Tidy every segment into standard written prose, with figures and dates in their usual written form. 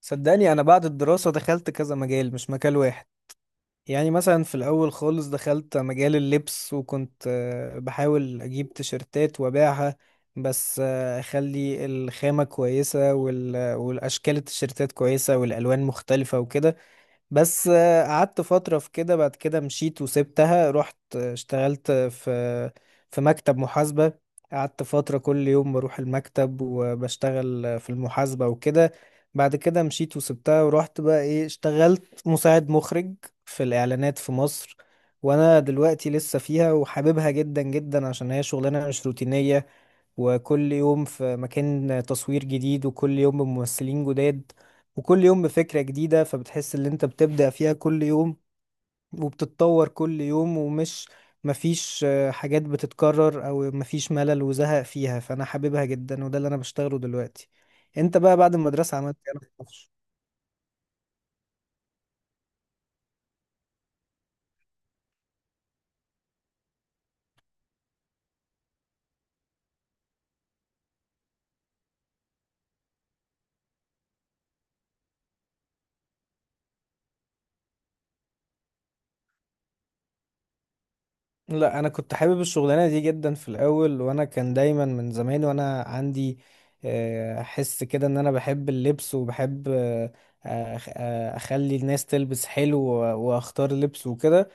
صدقني انا بعد الدراسة دخلت كذا مجال مش مجال واحد. يعني مثلا في الاول خالص دخلت مجال اللبس وكنت بحاول اجيب تيشرتات وابيعها. بس اخلي الخامة كويسة والاشكال التيشرتات كويسة والالوان مختلفة وكده. بس قعدت فترة في كده، بعد كده مشيت وسبتها، رحت اشتغلت في مكتب محاسبة. قعدت فترة كل يوم بروح المكتب وبشتغل في المحاسبة وكده. بعد كده مشيت وسبتها ورحت بقى ايه، اشتغلت مساعد مخرج في الإعلانات في مصر. وانا دلوقتي لسه فيها وحاببها جدا جدا عشان هي شغلانة مش روتينية، وكل يوم في مكان تصوير جديد، وكل يوم بممثلين جداد، وكل يوم بفكرة جديدة، فبتحس ان انت بتبدع فيها كل يوم وبتتطور كل يوم، ومش مفيش حاجات بتتكرر او مفيش ملل وزهق فيها، فانا حاببها جدا، وده اللي انا بشتغله دلوقتي. انت بقى بعد المدرسة عملت ايه؟ أنا معرفش. لا، انا كنت حابب الشغلانه دي جدا في الاول، وانا كان دايما من زمان وانا عندي حس كده ان انا بحب اللبس وبحب اخلي الناس تلبس حلو واختار لبس وكده.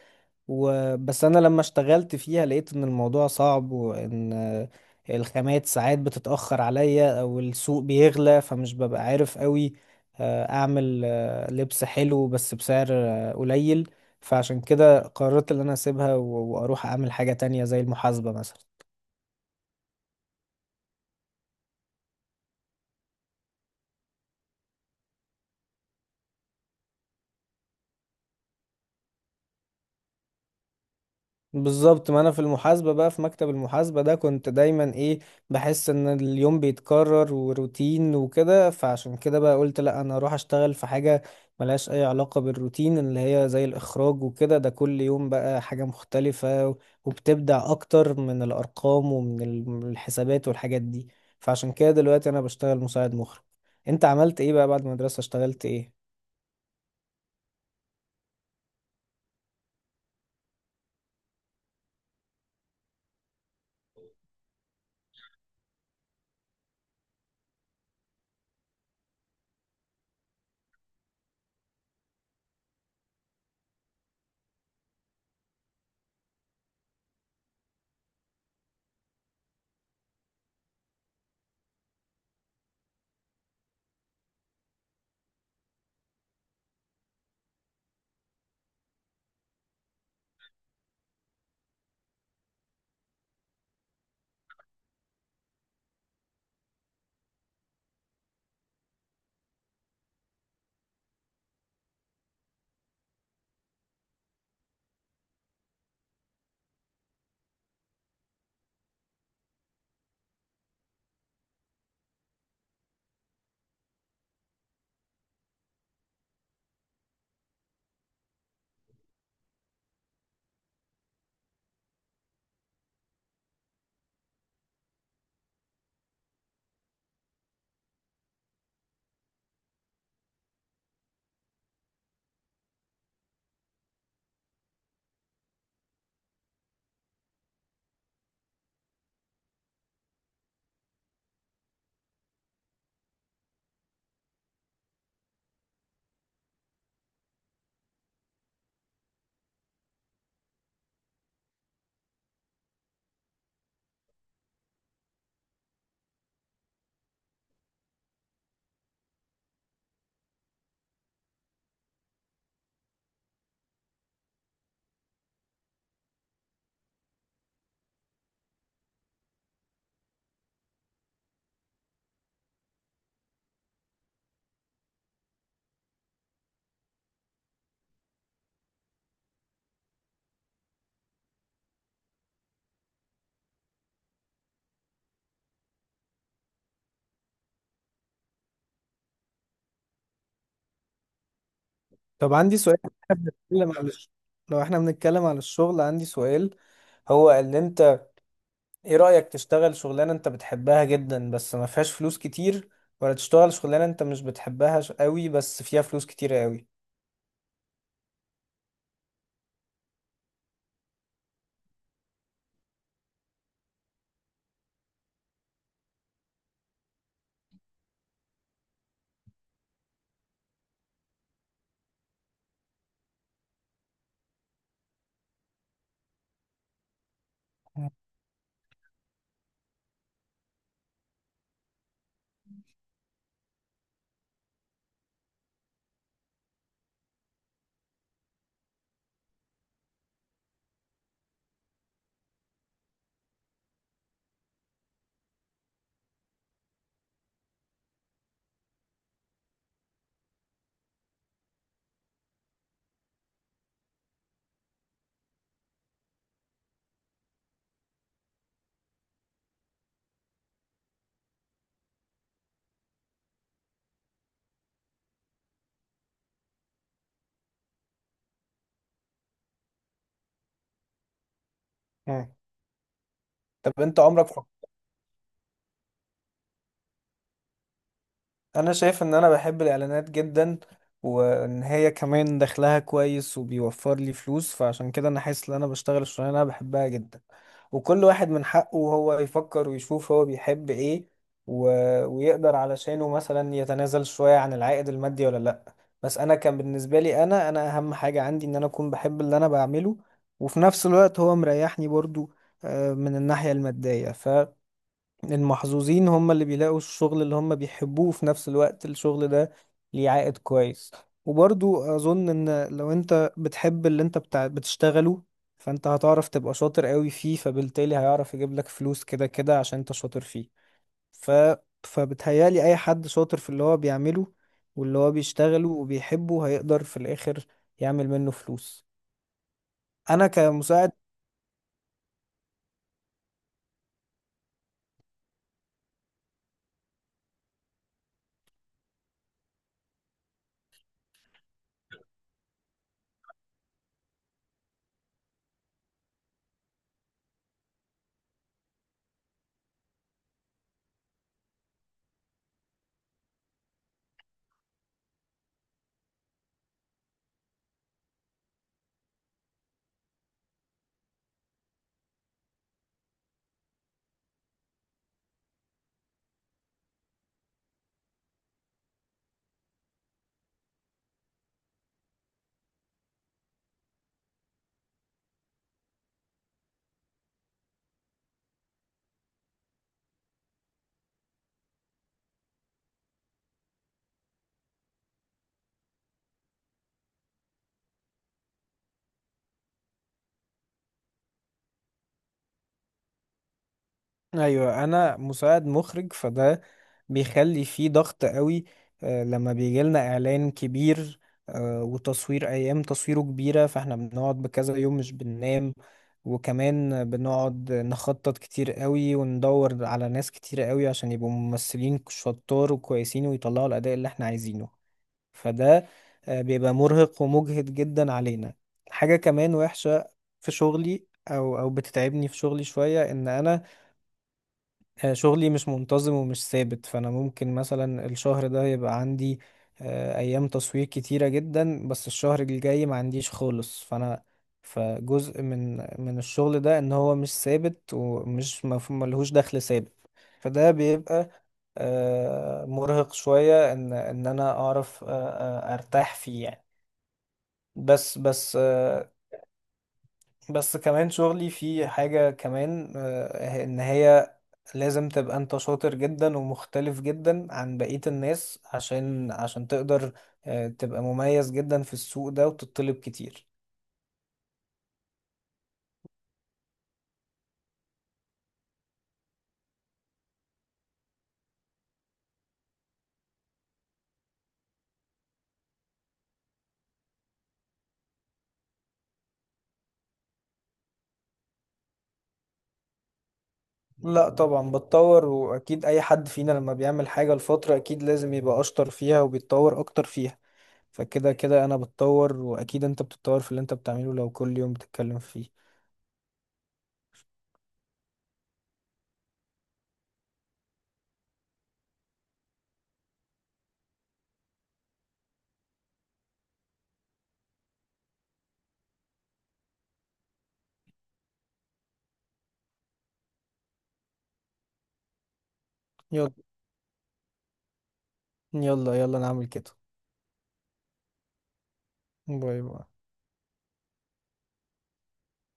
وبس انا لما اشتغلت فيها لقيت ان الموضوع صعب، وان الخامات ساعات بتتأخر عليا او السوق بيغلى، فمش ببقى عارف قوي اعمل لبس حلو بس بسعر قليل. فعشان كده قررت ان انا اسيبها واروح اعمل حاجة تانية زي المحاسبة مثلا. بالظبط، ما انا في المحاسبة بقى، في مكتب المحاسبة ده كنت دايما ايه بحس ان اليوم بيتكرر وروتين وكده، فعشان كده بقى قلت لا، انا اروح اشتغل في حاجة ملهاش اي علاقة بالروتين، اللي هي زي الاخراج وكده. ده كل يوم بقى حاجة مختلفة، وبتبدع اكتر من الارقام ومن ال- من الحسابات والحاجات دي. فعشان كده دلوقتي انا بشتغل مساعد مخرج. انت عملت ايه بقى بعد المدرسة؟ اشتغلت ايه؟ طب عندي سؤال. بنتكلم على الش- لو احنا بنتكلم على الشغل عندي سؤال. هو اللي انت، ايه رأيك تشتغل شغلانة انت بتحبها جدا بس ما فيهاش فلوس كتير، ولا تشتغل شغلانة انت مش بتحبها قوي بس فيها فلوس كتير قوي؟ مم. طب انت عمرك. انا شايف ان انا بحب الاعلانات جدا، وان هي كمان دخلها كويس وبيوفر لي فلوس، فعشان كده انا حاسس ان انا بشتغل الشغلانه اللي انا بحبها جدا. وكل واحد من حقه هو يفكر ويشوف هو بيحب ايه و... ويقدر علشانه مثلا يتنازل شويه عن العائد المادي ولا لا. بس انا كان بالنسبه لي، انا اهم حاجه عندي ان انا اكون بحب اللي انا بعمله، وفي نفس الوقت هو مريحني برضو من الناحيه الماديه. المحظوظين هم اللي بيلاقوا الشغل اللي هم بيحبوه في نفس الوقت الشغل ده ليه عائد كويس. وبرضو أظن إن لو أنت بتحب اللي أنت بتاع بتشتغله فأنت هتعرف تبقى شاطر قوي فيه، فبالتالي هيعرف يجيب لك فلوس كده كده عشان أنت شاطر فيه. ف... فبتهيالي أي حد شاطر في اللي هو بيعمله واللي هو بيشتغله وبيحبه هيقدر في الآخر يعمل منه فلوس. أنا كمساعد. ايوه، انا مساعد مخرج، فده بيخلي فيه ضغط قوي لما بيجي لنا اعلان كبير وتصوير ايام تصويره كبيره، فاحنا بنقعد بكذا يوم مش بننام، وكمان بنقعد نخطط كتير قوي وندور على ناس كتير قوي عشان يبقوا ممثلين شطار وكويسين ويطلعوا الاداء اللي احنا عايزينه. فده بيبقى مرهق ومجهد جدا علينا. حاجه كمان وحشه في شغلي او بتتعبني في شغلي شويه، ان انا شغلي مش منتظم ومش ثابت، فانا ممكن مثلا الشهر ده يبقى عندي ايام تصوير كتيرة جدا بس الشهر الجاي ما عنديش خالص. فانا فجزء من الشغل ده ان هو مش ثابت، ومش ملهوش دخل ثابت. فده بيبقى مرهق شوية ان انا اعرف ارتاح فيه يعني. بس بس آه، بس كمان شغلي فيه حاجة كمان ان هي لازم تبقى انت شاطر جدا ومختلف جدا عن بقية الناس عشان تقدر تبقى مميز جدا في السوق ده وتطلب كتير. لا، طبعا بتطور، واكيد اي حد فينا لما بيعمل حاجة لفترة اكيد لازم يبقى اشطر فيها وبيتطور اكتر فيها، فكده كده انا بتطور، واكيد انت بتتطور في اللي انت بتعمله لو كل يوم بتتكلم فيه. يلا، يلا يلا نعمل كده. باي باي.